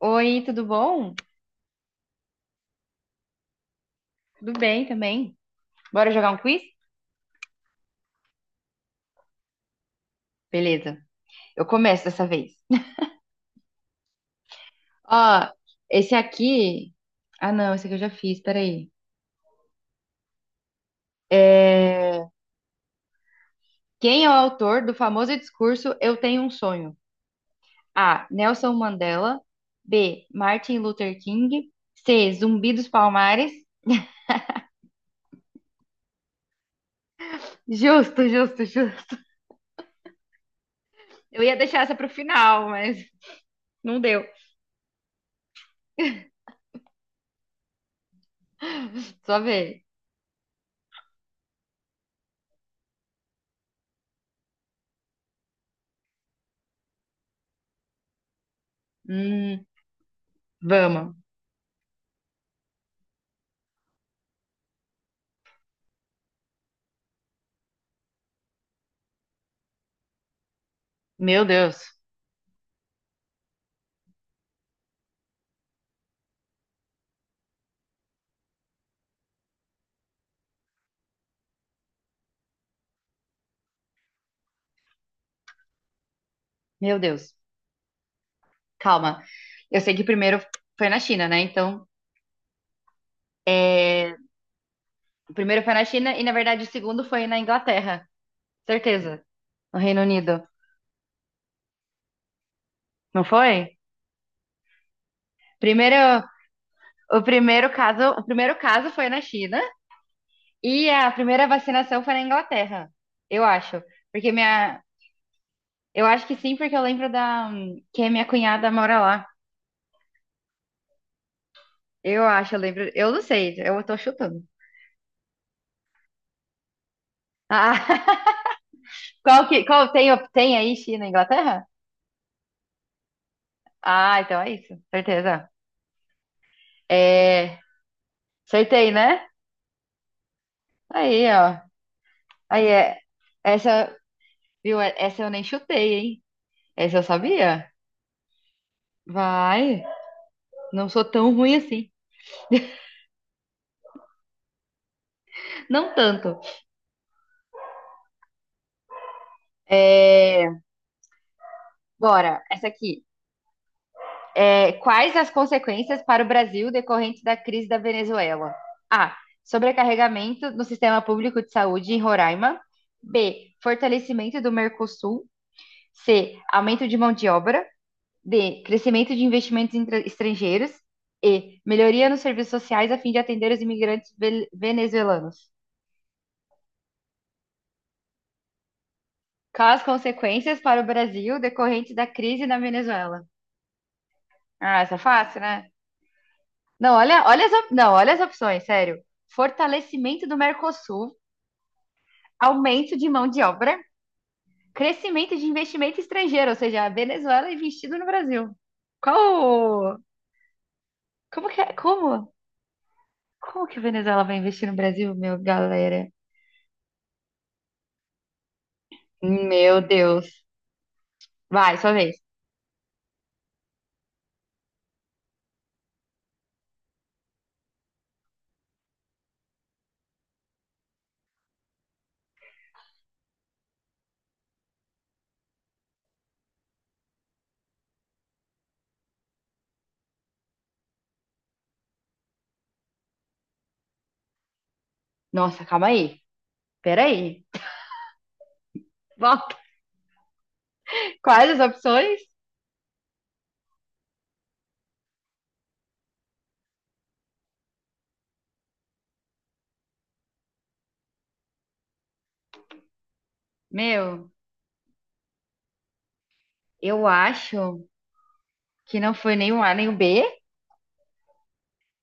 Oi, tudo bom? Tudo bem também? Bora jogar um quiz? Beleza. Eu começo dessa vez. Ó, esse aqui. Ah, não, esse aqui eu já fiz, peraí. É... Quem é o autor do famoso discurso Eu Tenho um Sonho? A. Nelson Mandela. B. Martin Luther King. C. Zumbi dos Palmares. Justo, justo, justo. Eu ia deixar essa pro final, mas não deu. Só ver. Hum, vamos. Meu Deus. Meu Deus. Calma. Eu sei que o primeiro foi na China, né? Então, é, o primeiro foi na China e, na verdade, o segundo foi na Inglaterra. Certeza. No Reino Unido. Não foi? Primeiro, o primeiro caso foi na China e a primeira vacinação foi na Inglaterra. Eu acho. Porque minha. Eu acho que sim, porque eu lembro da. Que a minha cunhada mora lá. Eu acho, eu lembro. Eu não sei, eu tô chutando. Ah, qual que. Qual, tem aí China e Inglaterra? Ah, então é isso. Certeza. É, acertei, né? Aí, ó. Aí é. Essa, viu? É- Essa eu nem chutei, hein? Essa eu sabia. Vai. Não sou tão ruim assim. Não tanto. É, bora, essa aqui. É, quais as consequências para o Brasil decorrentes da crise da Venezuela? A. Sobrecarregamento no sistema público de saúde em Roraima. B. Fortalecimento do Mercosul. C. Aumento de mão de obra. D. Crescimento de investimentos estrangeiros. E. Melhoria nos serviços sociais a fim de atender os imigrantes venezuelanos. Quais as consequências para o Brasil decorrentes da crise na Venezuela? Ah, essa é fácil, né? Não, olha, não, olha as opções, sério. Fortalecimento do Mercosul, aumento de mão de obra, crescimento de investimento estrangeiro, ou seja, a Venezuela investindo no Brasil. Qual? Como que é? Como? Como que a Venezuela vai investir no Brasil, meu galera? Meu Deus. Vai, sua vez. Nossa, calma aí. Peraí. Volta. Quais as opções? Meu, eu acho que não foi nem o A nem o B.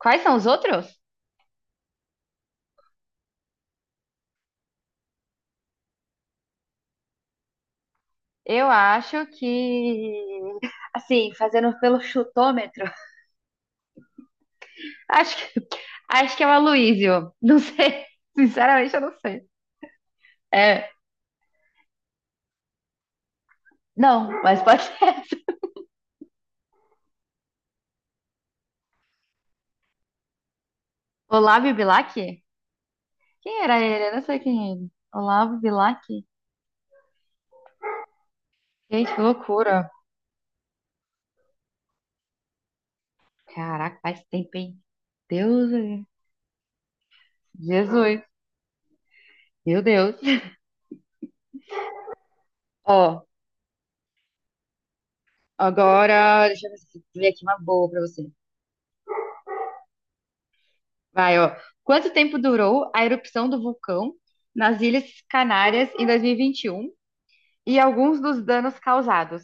Quais são os outros? Eu acho que. Assim, fazendo pelo chutômetro, acho que, acho que é o Aloysio. Não sei. Sinceramente, eu não sei. É, não, mas pode ser. Olavo Bilac? Quem era ele? Eu não sei quem é ele. Olavo Bilac? Gente, que loucura. Caraca, faz tempo, hein? Deus. Jesus, meu Deus. Ó, agora, deixa eu ver se- ver aqui uma boa pra você. Vai, ó. Quanto tempo durou a erupção do vulcão nas Ilhas Canárias em 2021 e 21 e alguns dos danos causados?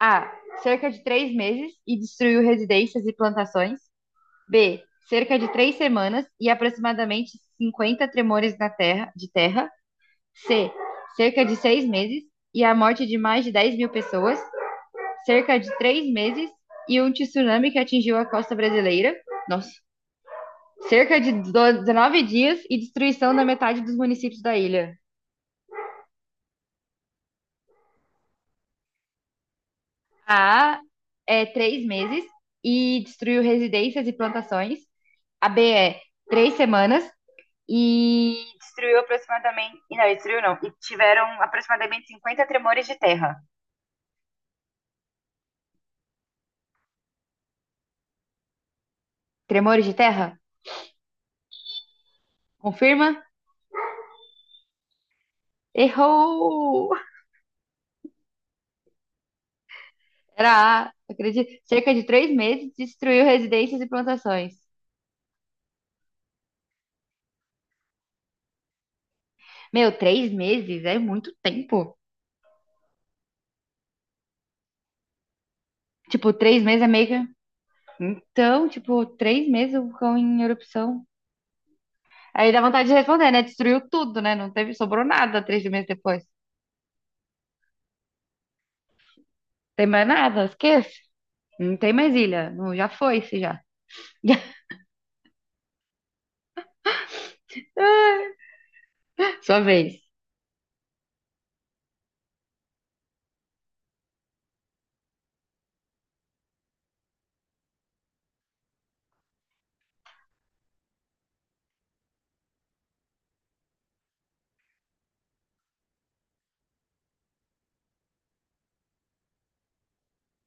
A. Cerca de 3 meses e destruiu residências e plantações. B. Cerca de 3 semanas e aproximadamente 50 tremores na terra, de terra. C. Cerca de 6 meses e a morte de mais de 10 mil pessoas. Cerca de três meses e um tsunami que atingiu a costa brasileira. Nossa, cerca de do- 19 dias e destruição da metade dos municípios da ilha. A é 3 meses e destruiu residências e plantações. A B é 3 semanas e destruiu aproximadamente. E não, destruiu não. E tiveram aproximadamente 50 tremores de terra. Tremores de terra? Confirma? Errou! Era A, acredito. Cerca de 3 meses destruiu residências e plantações. Meu, 3 meses é muito tempo. Tipo, 3 meses é meio que. Então, tipo, 3 meses o vulcão em erupção. Aí dá vontade de responder, né? Destruiu tudo, né? Não teve, sobrou nada 3 meses depois. Tem mais nada, esquece. Não tem mais ilha. Não, já foi, se já. Sua vez.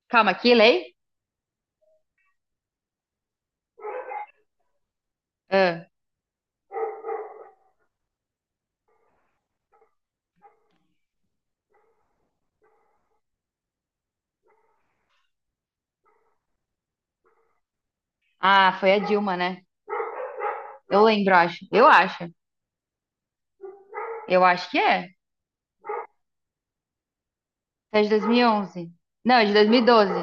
Calma, que lei? Ah, Ah, foi a Dilma, né? Eu lembro, acho. Eu acho. Eu acho que é. É de 2011. Não, é de 2012.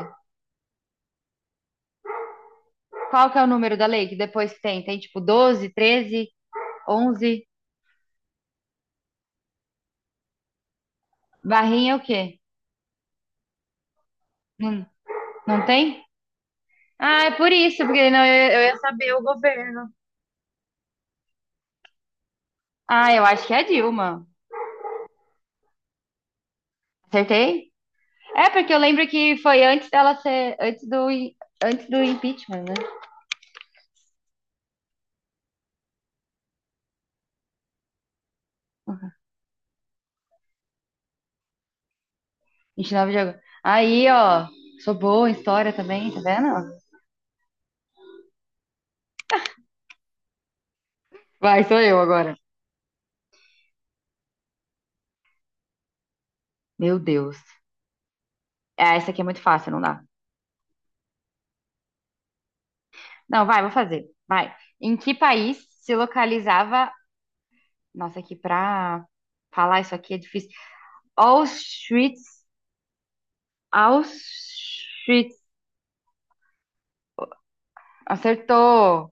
Qual que é o número da lei que depois tem? Tem tipo 12 13 onze. Barrinha é o quê? Não, não tem? Ah, é por isso, porque não, eu ia saber o governo. Ah, eu acho que é Dilma. Acertei? É, porque eu lembro que foi antes dela ser, antes do impeachment, né? 29 de agosto. Aí, ó, sou boa em história também, tá vendo? Vai, sou eu agora. Meu Deus. Ah, essa aqui é muito fácil, não dá. Não, vai, vou fazer. Vai. Em que país se localizava... Nossa, aqui pra falar isso aqui é difícil. Auschwitz Auschwitz. Acertou.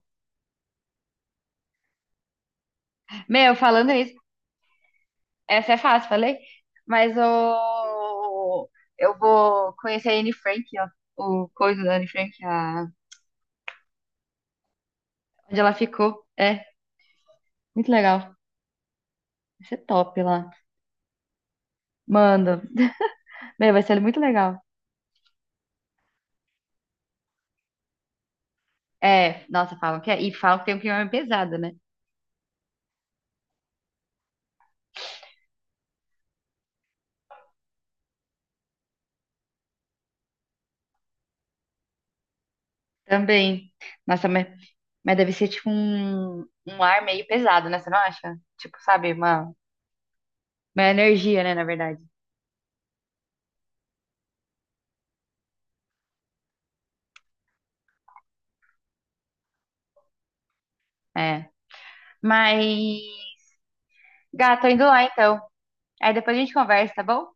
Meu, falando nisso, essa é fácil, falei? Mas o... eu vou conhecer a Anne Frank, ó. O coisa da Anne Frank, onde ela ficou. É, muito legal. Vai ser top lá. Manda. Meu, vai ser muito legal. É, nossa, falam que é. E falam que tem um clima pesado, né? Também. Nossa, mas deve ser tipo um ar meio pesado, né? Você não acha? Tipo, sabe, uma energia, né, na verdade. É. Mas, gato, tô indo lá então. Aí depois a gente conversa, tá bom?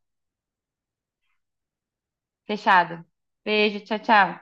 Fechado. Beijo, tchau, tchau.